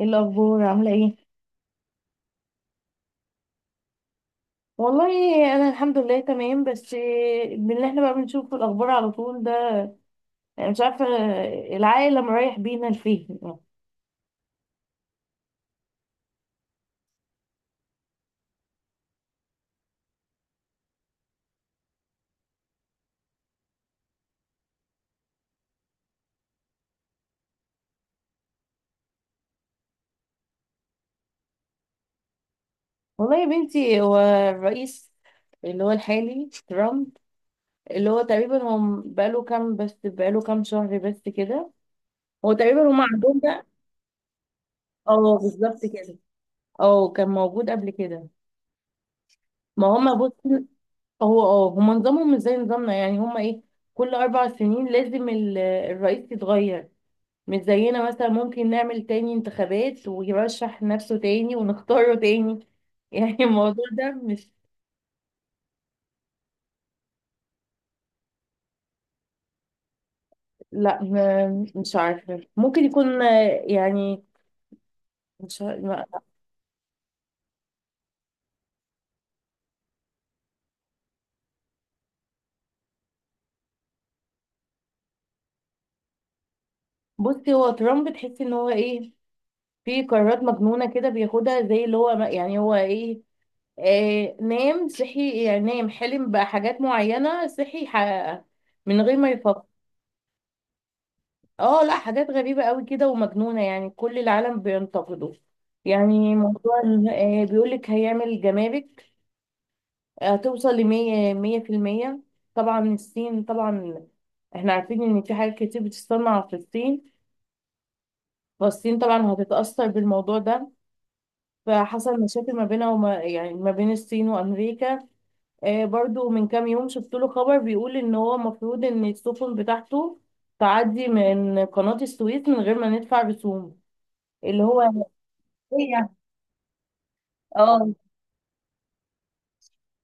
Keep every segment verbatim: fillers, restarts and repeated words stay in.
ايه الاخبار عامله ايه؟ والله انا الحمد لله تمام، بس إيه، من اللي احنا بقى بنشوفه الاخبار على طول ده. أنا مش عارفه العالم رايح بينا لفين. والله يا بنتي، هو الرئيس اللي هو الحالي ترامب، اللي هو تقريبا هو بقاله كام بس بقاله كام شهر بس كده. هو تقريبا هم عندهم بقى. اه بالظبط كده، اه كان موجود قبل كده. ما هم بصي، هو اه هم نظامهم مش زي نظامنا، يعني هم ايه، كل اربع سنين لازم ال- الرئيس يتغير، مش زينا مثلا ممكن نعمل تاني انتخابات ويرشح نفسه تاني ونختاره تاني يعني الموضوع ده مش. لا، م- مش عارفة، ممكن يكون آه، يعني مش عارفة. ما- بصي، هو ترامب تحسي ان هو ايه، في قرارات مجنونة كده بياخدها، زي اللي هو ما- يعني هو ايه، آه نام صحي يعني، نام حلم بحاجات معينة صحي حققها من غير ما يفكر. اه لا، حاجات غريبة قوي كده ومجنونة، يعني كل العالم بينتقده. يعني موضوع ال- آه، بيقولك هيعمل جمارك هتوصل لمية مية في المية. طبعا الصين، طبعا احنا عارفين ان في حاجات كتير بتتصنع في الصين، فالصين طبعا هتتأثر بالموضوع ده. فحصل مشاكل ما بينها وما يعني ما بين الصين وأمريكا. آه، برضو من كام يوم شفت له خبر بيقول ان هو المفروض ان السفن بتاعته تعدي من قناة السويس من غير ما ندفع رسوم، اللي هو هي. اه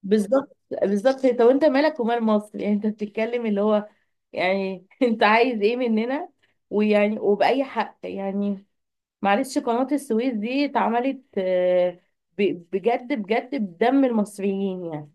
بالظبط بالظبط، طب انت مالك ومال مصر؟ يعني انت بتتكلم اللي هو، يعني انت عايز ايه مننا؟ ويعني وبأي حق يعني؟ معلش، قناة السويس دي اتعملت آه، ب- بجد بجد بدم المصريين يعني.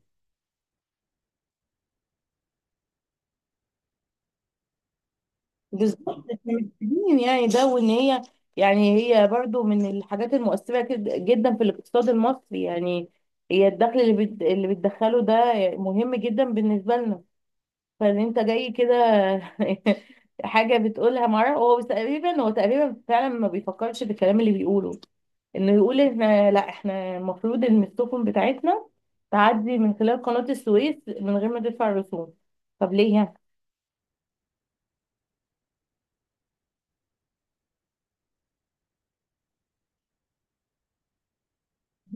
بالظبط، احنا محتاجين يعني ده، وان هي يعني، هي برضو من الحاجات المؤثرة كد- جدا في الاقتصاد المصري يعني، هي الدخل اللي بت- اللي بتدخله ده مهم جدا بالنسبة لنا. فان انت جاي كده حاجة بتقولها مرة. هو بس تقريبا، هو تقريبا فعلا ما بيفكرش بالكلام اللي بيقوله، انه يقول احنا، لا احنا المفروض ان السفن بتاعتنا تعدي من خلال قناة السويس من غير ما تدفع رسوم. طب ليه؟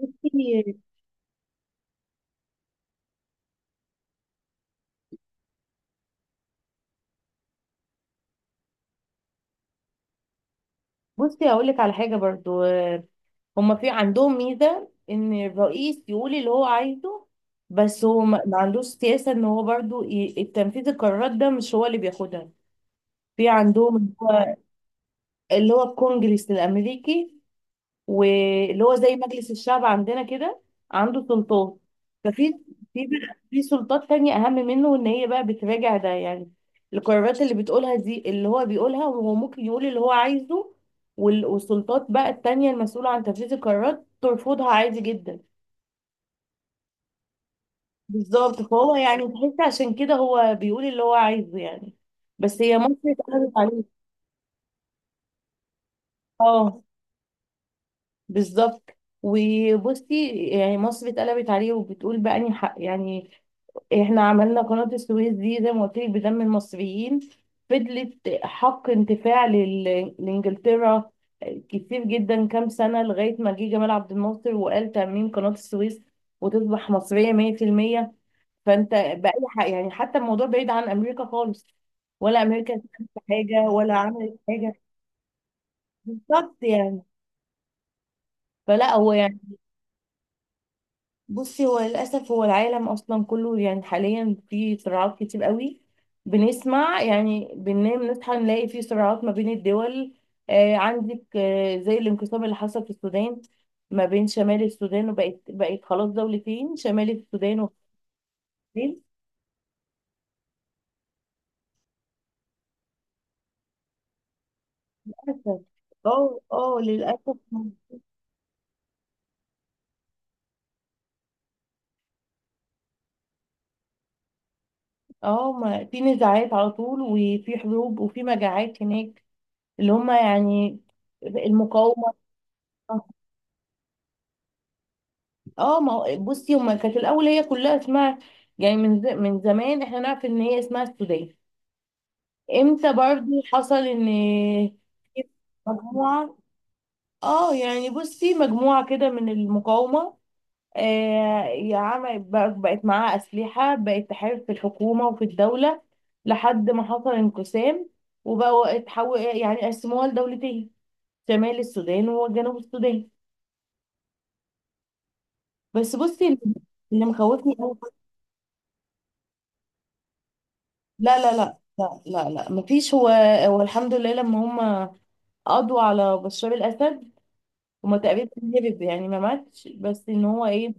بصي بصي هقول لك على حاجة برضو. آه، هما في عندهم ميزة ان الرئيس يقول اللي هو عايزه، بس هو ما ما عندوش سياسة ان هو برضو ي- تنفيذ القرارات ده مش هو اللي بياخدها. في عندهم اللي هو، اللي هو الكونجرس الامريكي، واللي هو زي مجلس الشعب عندنا كده، عنده سلطات. ففي، في بقى- في سلطات تانية أهم منه، إن هي بقى بتراجع ده يعني، القرارات اللي بتقولها دي اللي هو بيقولها. وهو ممكن يقول اللي هو عايزه، وال- والسلطات بقى التانية المسؤولة عن تنفيذ القرارات ترفضها عادي جدا. بالظبط، فهو يعني تحس عشان كده هو بيقول اللي هو عايزه يعني، بس هي مصر اتقلبت عليه. اه بالظبط. وبصي يعني مصر اتقلبت عليه وبتقول بقى اني حق يعني، احنا عملنا قناة السويس دي زي ما قلت لك بدم المصريين، فضلت حق انتفاع لل- لانجلترا كتير جدا كام سنة، لغاية ما جه جمال عبد الناصر وقال تأميم قناة السويس وتصبح مصرية مية في المية. فانت بأي حق يعني؟ حتى الموضوع بعيد عن أمريكا خالص، ولا أمريكا عملت حاجة ولا عملت حاجة. بالظبط يعني، فلا هو يعني. بصي، هو للأسف هو العالم أصلا كله يعني حاليا في صراعات كتير قوي، بنسمع يعني، بننام نصحى نلاقي في صراعات ما بين الدول. آه عندك آه زي الانقسام اللي حصل في السودان، ما بين شمال السودان وبقت بقت خلاص دولتين، شمال السودان والسودان. للأسف. اه اه للأسف. اه ما في نزاعات على طول، وفي حروب وفي مجاعات هناك، اللي هما يعني المقاومة. اه، ما هو- بصي، هما كانت الاول هي كلها اسمها يعني، من ز- من زمان احنا نعرف ان هي اسمها السودان. امتى برضو حصل ان في مجموعه، اه يعني بصي مجموعه كده من المقاومه، آه يا عم بق- بقت معاها اسلحه، بقت تحارب في الحكومه وفي الدوله، لحد ما حصل انقسام وبقوا اتحول يعني قسموها لدولتين، شمال السودان وجنوب السودان. بس بصي اللي، اللي مخوفني. لا لا لا لا لا لا، مفيش. هو، هو الحمد لله لما هم قضوا على بشار الأسد، هما تقريبا هرب يعني ما ماتش، بس ان هو ايه،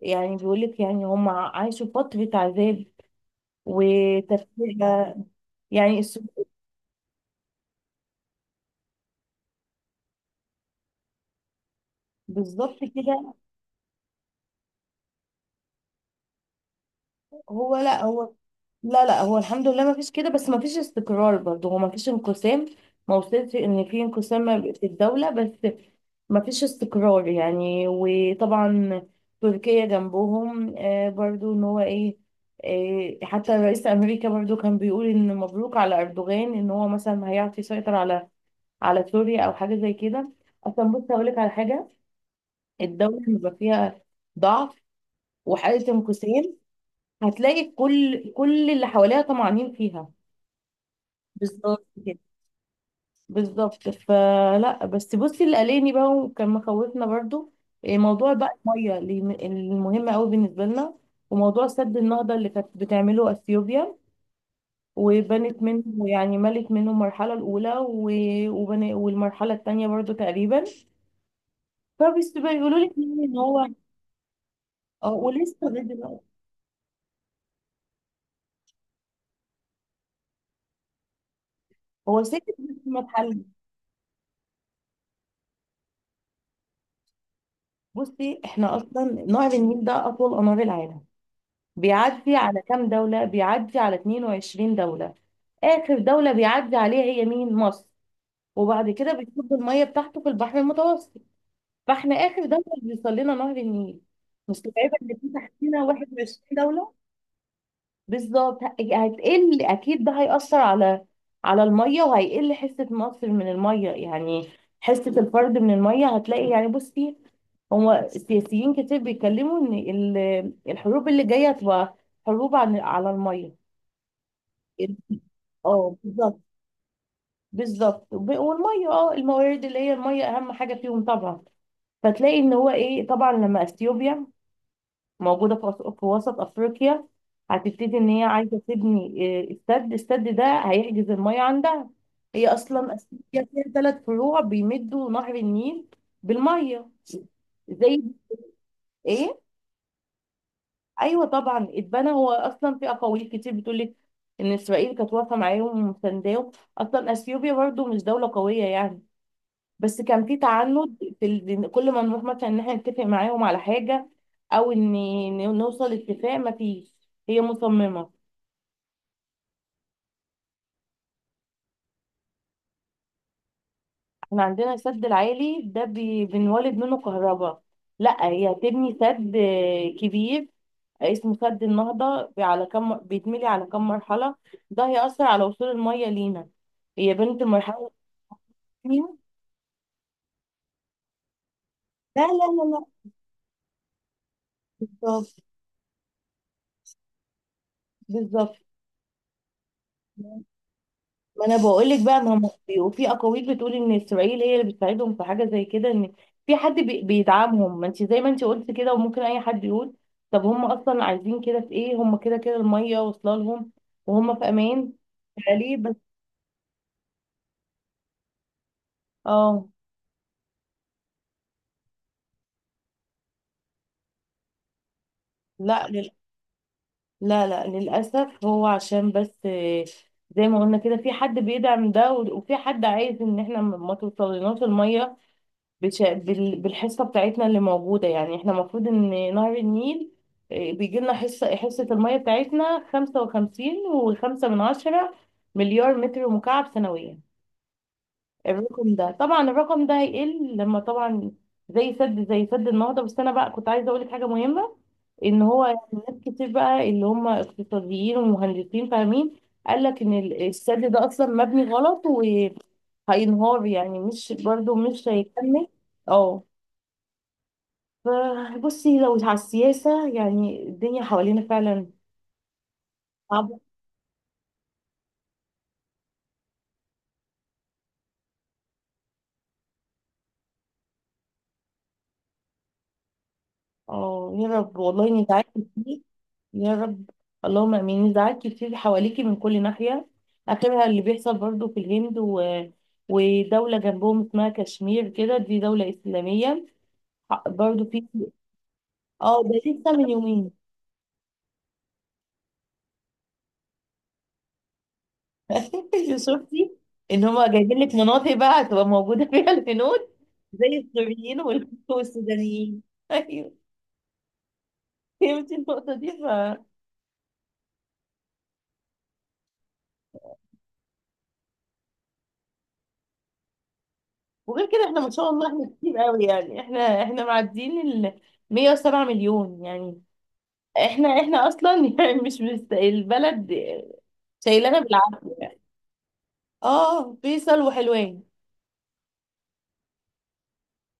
يعني بيقولك يعني هم عاشوا فترة عذاب وتفكير، يعني السلوك. بالظبط كده. هو لا هو، لا لا، هو الحمد لله ما فيش كده، بس ما فيش استقرار برضه. هو ما فيش انقسام، ما وصلش ان في انقسام ما بي- في الدولة، بس مفيش استقرار يعني. وطبعا تركيا جنبهم، آه، برضو ان هو ايه، آه، حتى رئيس امريكا برضو كان بيقول ان مبروك على اردوغان ان هو مثلا هيعرف يسيطر على، على سوريا او حاجه زي كده. اصلا بص هقول لك على حاجه، الدوله اللي بيبقى فيها ضعف وحاله انقسام، هتلاقي كل كل اللي حواليها طمعانين فيها. بالظبط بالظبط. فلا، بس بصي اللي قلقني بقى وكان مخوفنا برضو، إيه، موضوع بقى الميه اللي اللي مهم قوي بالنسبه لنا، وموضوع سد النهضه اللي كانت بتعمله اثيوبيا، وبنت منه يعني ملت منه المرحله الاولى، و- وبن... والمرحله الثانيه برضو تقريبا. فبس بيقولوا لي يعني ان هو، آه، ولسه لغايه دلوقتي هو ساكت، بس ما اتحل. بصي احنا اصلا نهر النيل ده اطول انهار العالم، بيعدي على كام دولة، بيعدي على اتنين وعشرين دولة. آخر دولة بيعدي عليها هي مين؟ مصر. وبعد كده بيصب المية بتاعته في البحر المتوسط. فاحنا آخر دولة بيوصل لنا نهر النيل، مستوعبة ان في تحتنا واحد وعشرين دولة. بالظبط. ه- هتقل اكيد، ده هيأثر على، على الميه، وهيقل حصة مصر من الميه يعني، حصة الفرد من الميه. هتلاقي يعني بصي، هو السياسيين كتير بيتكلموا ان ال- الحروب اللي جاية هتبقى حروب عن على الميه. اه بالظبط بالظبط. وب- والميه، اه الموارد اللي هي الميه اهم حاجة فيهم طبعا. فتلاقي ان هو ايه، طبعا لما اثيوبيا موجودة في أس- في وسط أفريقيا، هتبتدي إن هي عايزة تبني آه، استاد الاستاد ده هيحجز المية عندها. هي أصلا أفريقيا فيها ثلاث فروع بيمدوا نهر النيل بالمية، زي. إيه؟ أيوة طبعا اتبنى. هو أصلا في أقاويل كتير بتقولك إن إسرائيل كانت واقفة معاهم ومسانداهم، أصلا أثيوبيا برضو مش دولة قوية يعني، بس كان في تعنت في ال... إن كل ما نروح مثلا ان احنا نتفق معاهم على حاجه، او ان إن نوصل اتفاق، ما فيش، هي مصممه. احنا عندنا السد العالي ده بي... بنولد منه كهرباء. لا، هي هتبني سد آه، كبير اسمه سد النهضه، بي- على كم بيتملي على كم مرحله، ده هيأثر على وصول الميه لينا. هي بنت المرحله الثانيه. لا لا لا لا. بالظبط بالظبط. ما انا بقول لك بقى، ما هم، وفي اقاويل بتقول ان اسرائيل هي اللي بتساعدهم في حاجه زي كده، ان في حد بي- بيدعمهم. ما انت زي ما انت قلت كده، وممكن اي حد يقول طب هم اصلا عايزين كده في ايه، هم كده كده الميه واصله لهم وهم في امان. فليه بس؟ اه لا لل... لا لا للاسف، هو عشان بس، آه، زي ما قلنا كده، في حد بيدعم ده، و- وفي حد عايز ان احنا ما ما توصلناش الميه بش... بال... بالحصة بتاعتنا اللي موجودة يعني. احنا المفروض ان نهر النيل، آه، بيجي لنا حصة، حصة المية بتاعتنا خمسة وخمسين وخمسة من عشرة مليار متر مكعب سنويا. الرقم ده طبعا، الرقم ده هيقل لما طبعا، زي سد، زي سد النهضة. بس انا بقى كنت عايزة اقولك حاجة مهمة، ان هو ناس كتير بقى اللي هم اقتصاديين ومهندسين فاهمين، قالك ان ال- السد ده اصلا مبني غلط وهينهار يعني، مش برضو مش هيكمل. اه. ف- بصي، لو على السياسة يعني الدنيا حوالينا فعلا صعبة. اه يا رب والله، نزاعات كتير. يا رب. اللهم امين، نزاعات كتير حواليكي من كل ناحية، اخرها اللي بيحصل برضو في الهند و... ودولة جنبهم اسمها كشمير كده، دي دولة إسلامية برضو في. اه ده لسه من يومين. شفتي ان هما جايبين لك مناطق بقى هتبقى موجودة فيها الهنود، زي السوريين وال- والسودانيين ايوه، فهمتي النقطة دي. وغير كده احنا ما شاء الله احنا كتير قوي يعني، احنا احنا معديين ال مية وسبعة مليون يعني. احنا احنا اصلا يعني مش مست... البلد شايلانا بالعافيه يعني. اه فيصل وحلوان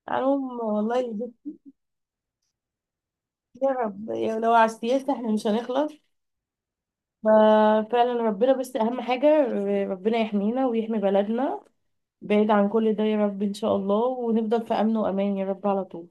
عنهم والله. يا رب، يا لو على السياسه احنا مش هنخلص. ففعلا ربنا بس اهم حاجه، ربنا يحمينا ويحمي بلدنا بعيد عن كل ده يا رب ان شاء الله، ونفضل في امن وامان يا رب على طول.